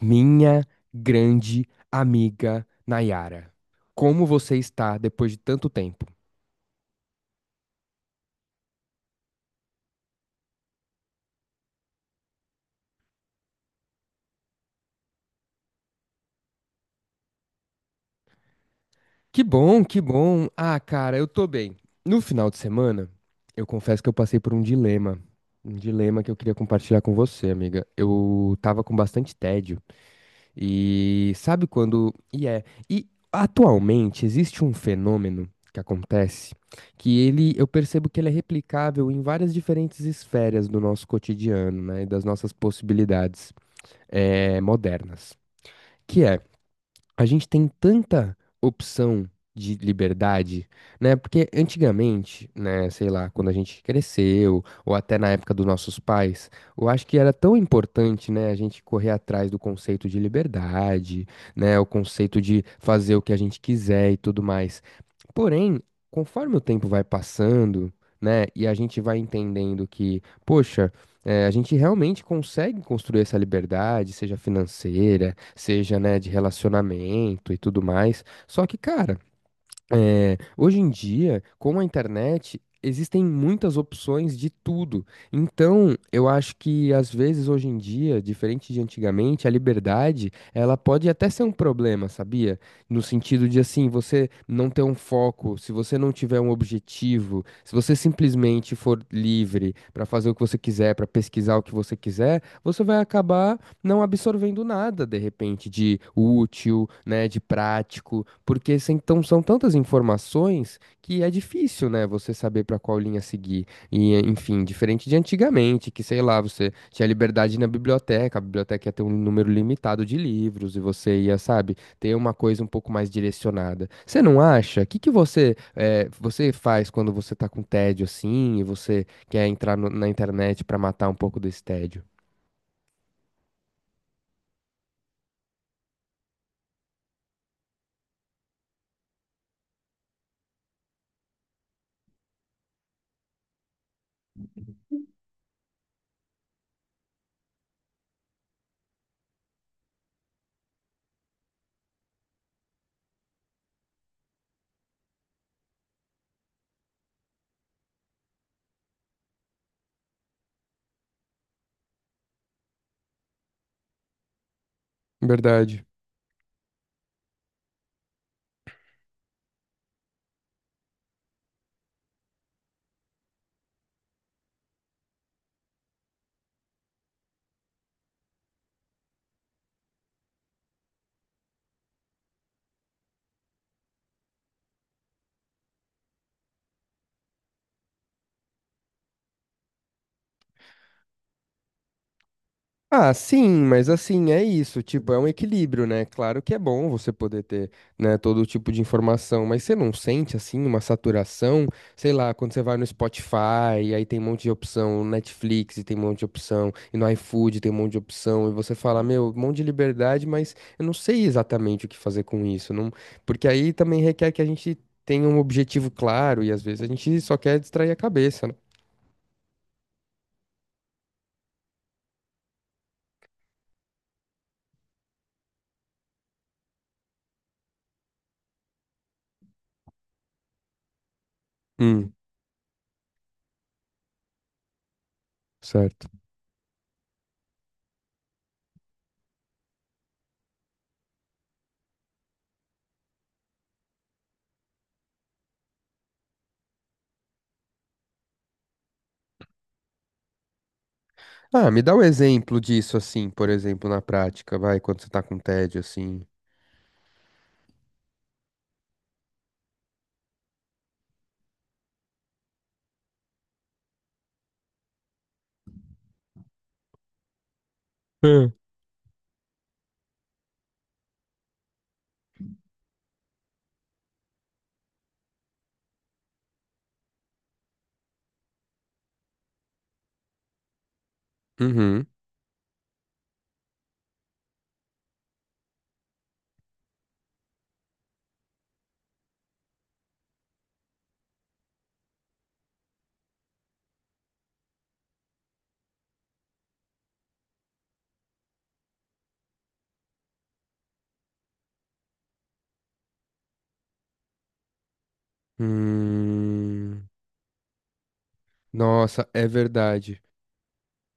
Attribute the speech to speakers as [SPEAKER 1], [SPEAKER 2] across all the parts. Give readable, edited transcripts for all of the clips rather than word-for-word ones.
[SPEAKER 1] Minha grande amiga Nayara, como você está depois de tanto tempo? Que bom, que bom. Ah, cara, eu tô bem. No final de semana, eu confesso que eu passei por um dilema. Um dilema que eu queria compartilhar com você, amiga. Eu tava com bastante tédio. E sabe quando. E é. E atualmente existe um fenômeno que acontece eu percebo que ele é replicável em várias diferentes esferas do nosso cotidiano, né? E das nossas possibilidades modernas. Que é a gente tem tanta opção de liberdade, né? Porque antigamente, né, sei lá, quando a gente cresceu, ou até na época dos nossos pais, eu acho que era tão importante, né, a gente correr atrás do conceito de liberdade, né, o conceito de fazer o que a gente quiser e tudo mais. Porém, conforme o tempo vai passando, né, e a gente vai entendendo que, poxa, a gente realmente consegue construir essa liberdade, seja financeira, seja, né, de relacionamento e tudo mais. Só que, cara, é, hoje em dia, com a internet, existem muitas opções de tudo. Então, eu acho que às vezes hoje em dia, diferente de antigamente, a liberdade, ela pode até ser um problema, sabia? No sentido de assim, você não ter um foco, se você não tiver um objetivo, se você simplesmente for livre para fazer o que você quiser, para pesquisar o que você quiser, você vai acabar não absorvendo nada, de repente, de útil, né, de prático, porque então, são tantas informações que é difícil, né, você saber para qual linha seguir. E, enfim, diferente de antigamente, que, sei lá, você tinha liberdade na biblioteca, a biblioteca ia ter um número limitado de livros e você ia, sabe, ter uma coisa um pouco mais direcionada. Você não acha? O que que você faz quando você tá com tédio assim e você quer entrar na internet para matar um pouco desse tédio? Verdade. Ah, sim, mas assim, é isso, tipo, é um equilíbrio, né? Claro que é bom você poder ter, né, todo tipo de informação, mas você não sente, assim, uma saturação? Sei lá, quando você vai no Spotify, e aí tem um monte de opção, no Netflix e tem um monte de opção, e no iFood tem um monte de opção, e você fala, meu, um monte de liberdade, mas eu não sei exatamente o que fazer com isso, não. Porque aí também requer que a gente tenha um objetivo claro, e às vezes a gente só quer distrair a cabeça, né? Hum, certo. Ah, me dá um exemplo disso, assim, por exemplo, na prática, vai, quando você tá com tédio, assim. Hum. Uhum. Hum. Nossa, é verdade.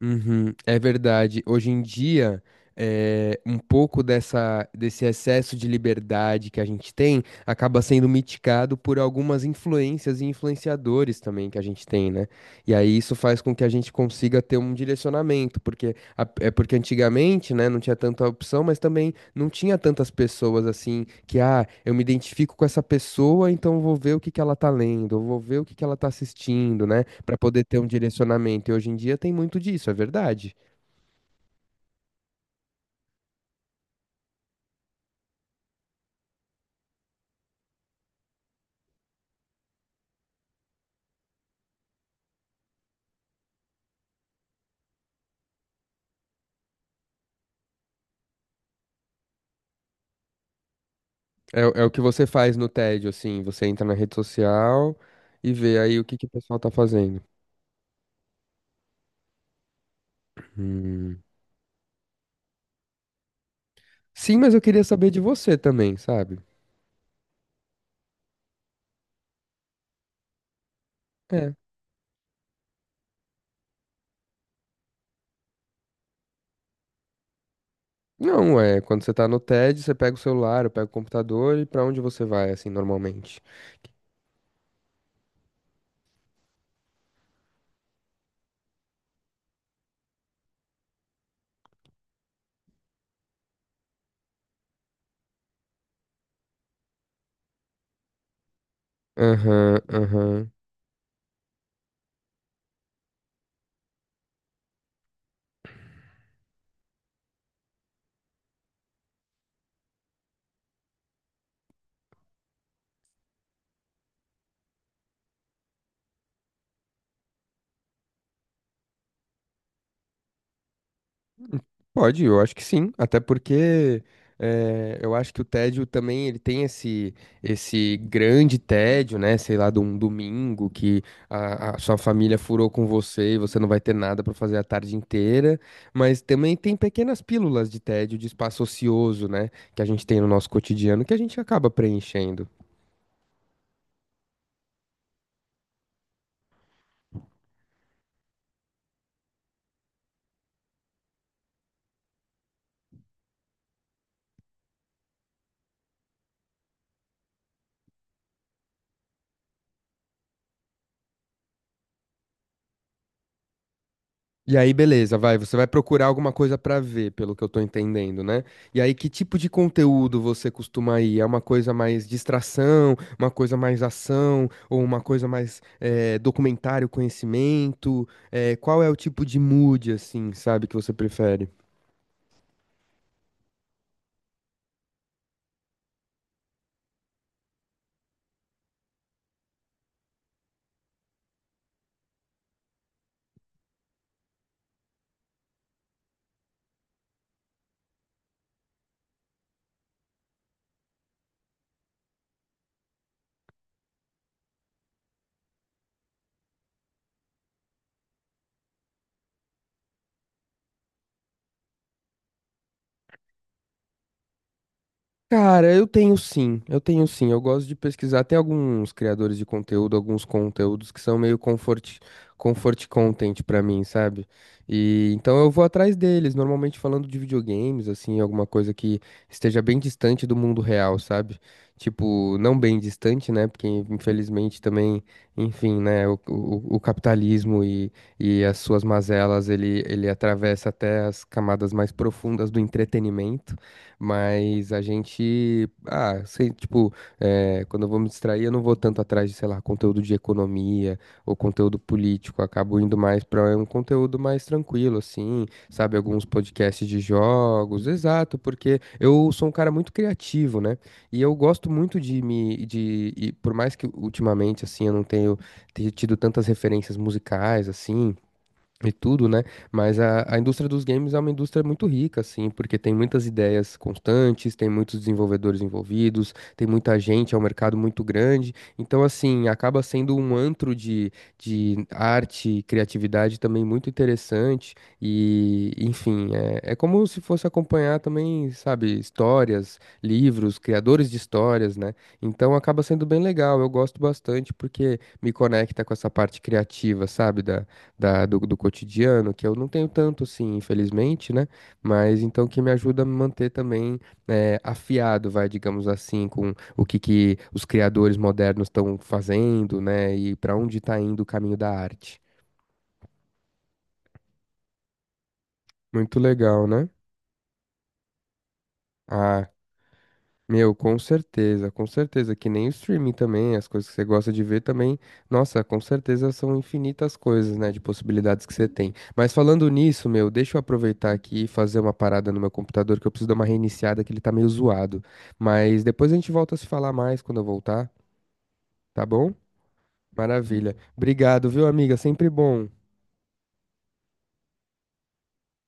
[SPEAKER 1] Uhum, é verdade. Hoje em dia, é, um pouco desse excesso de liberdade que a gente tem acaba sendo mitigado por algumas influências e influenciadores também que a gente tem, né? E aí isso faz com que a gente consiga ter um direcionamento, porque é porque antigamente, né, não tinha tanta opção, mas também não tinha tantas pessoas assim que, ah, eu me identifico com essa pessoa, então eu vou ver o que que ela tá lendo, eu vou ver o que que ela tá assistindo, né? Pra poder ter um direcionamento. E hoje em dia tem muito disso, é verdade. É, é o que você faz no tédio, assim, você entra na rede social e vê aí o que que o pessoal tá fazendo. Hum. Sim, mas eu queria saber de você também, sabe? É. Não, é, quando você tá no tédio, você pega o celular, eu pego o computador e pra onde você vai, assim, normalmente? Aham, aham. Pode, eu acho que sim, até porque eu acho que o tédio também ele tem esse grande tédio, né? Sei lá, de um domingo que a sua família furou com você e você não vai ter nada para fazer a tarde inteira, mas também tem pequenas pílulas de tédio, de espaço ocioso, né? Que a gente tem no nosso cotidiano que a gente acaba preenchendo. E aí, beleza, vai, você vai procurar alguma coisa pra ver, pelo que eu tô entendendo, né? E aí, que tipo de conteúdo você costuma ir? É uma coisa mais distração, uma coisa mais ação, ou uma coisa mais documentário, conhecimento? Qual é o tipo de mood, assim, sabe, que você prefere? Cara, eu tenho sim, eu tenho sim. Eu gosto de pesquisar até alguns criadores de conteúdo, alguns conteúdos que são meio comfort, comfort content pra mim, sabe? E então eu vou atrás deles, normalmente falando de videogames, assim, alguma coisa que esteja bem distante do mundo real, sabe? Tipo, não bem distante, né? Porque infelizmente também, enfim, né? O capitalismo e as suas mazelas, ele atravessa até as camadas mais profundas do entretenimento. Mas a gente, ah, sei, tipo, quando eu vou me distrair, eu não vou tanto atrás de, sei lá, conteúdo de economia ou conteúdo político. Eu acabo indo mais para um conteúdo mais tranquilo, assim, sabe? Alguns podcasts de jogos, exato, porque eu sou um cara muito criativo, né? E eu gosto muito de e por mais que ultimamente, assim, eu não tenho ter tido tantas referências musicais, assim e tudo, né? Mas a indústria dos games é uma indústria muito rica, assim, porque tem muitas ideias constantes, tem muitos desenvolvedores envolvidos, tem muita gente, é um mercado muito grande. Então, assim, acaba sendo um antro de arte e criatividade também muito interessante. E, enfim, é, é como se fosse acompanhar também, sabe, histórias, livros, criadores de histórias, né? Então, acaba sendo bem legal. Eu gosto bastante porque me conecta com essa parte criativa, sabe? do cotidiano, que eu não tenho tanto assim, infelizmente, né? Mas então que me ajuda a me manter também afiado, vai, digamos assim, com o que, que os criadores modernos estão fazendo, né? E para onde está indo o caminho da arte. Muito legal, né? Ah, meu, com certeza, que nem o streaming também, as coisas que você gosta de ver também, nossa, com certeza são infinitas coisas, né, de possibilidades que você tem. Mas falando nisso, meu, deixa eu aproveitar aqui e fazer uma parada no meu computador, que eu preciso dar uma reiniciada, que ele tá meio zoado. Mas depois a gente volta a se falar mais quando eu voltar, tá bom? Maravilha. Obrigado, viu, amiga? Sempre bom.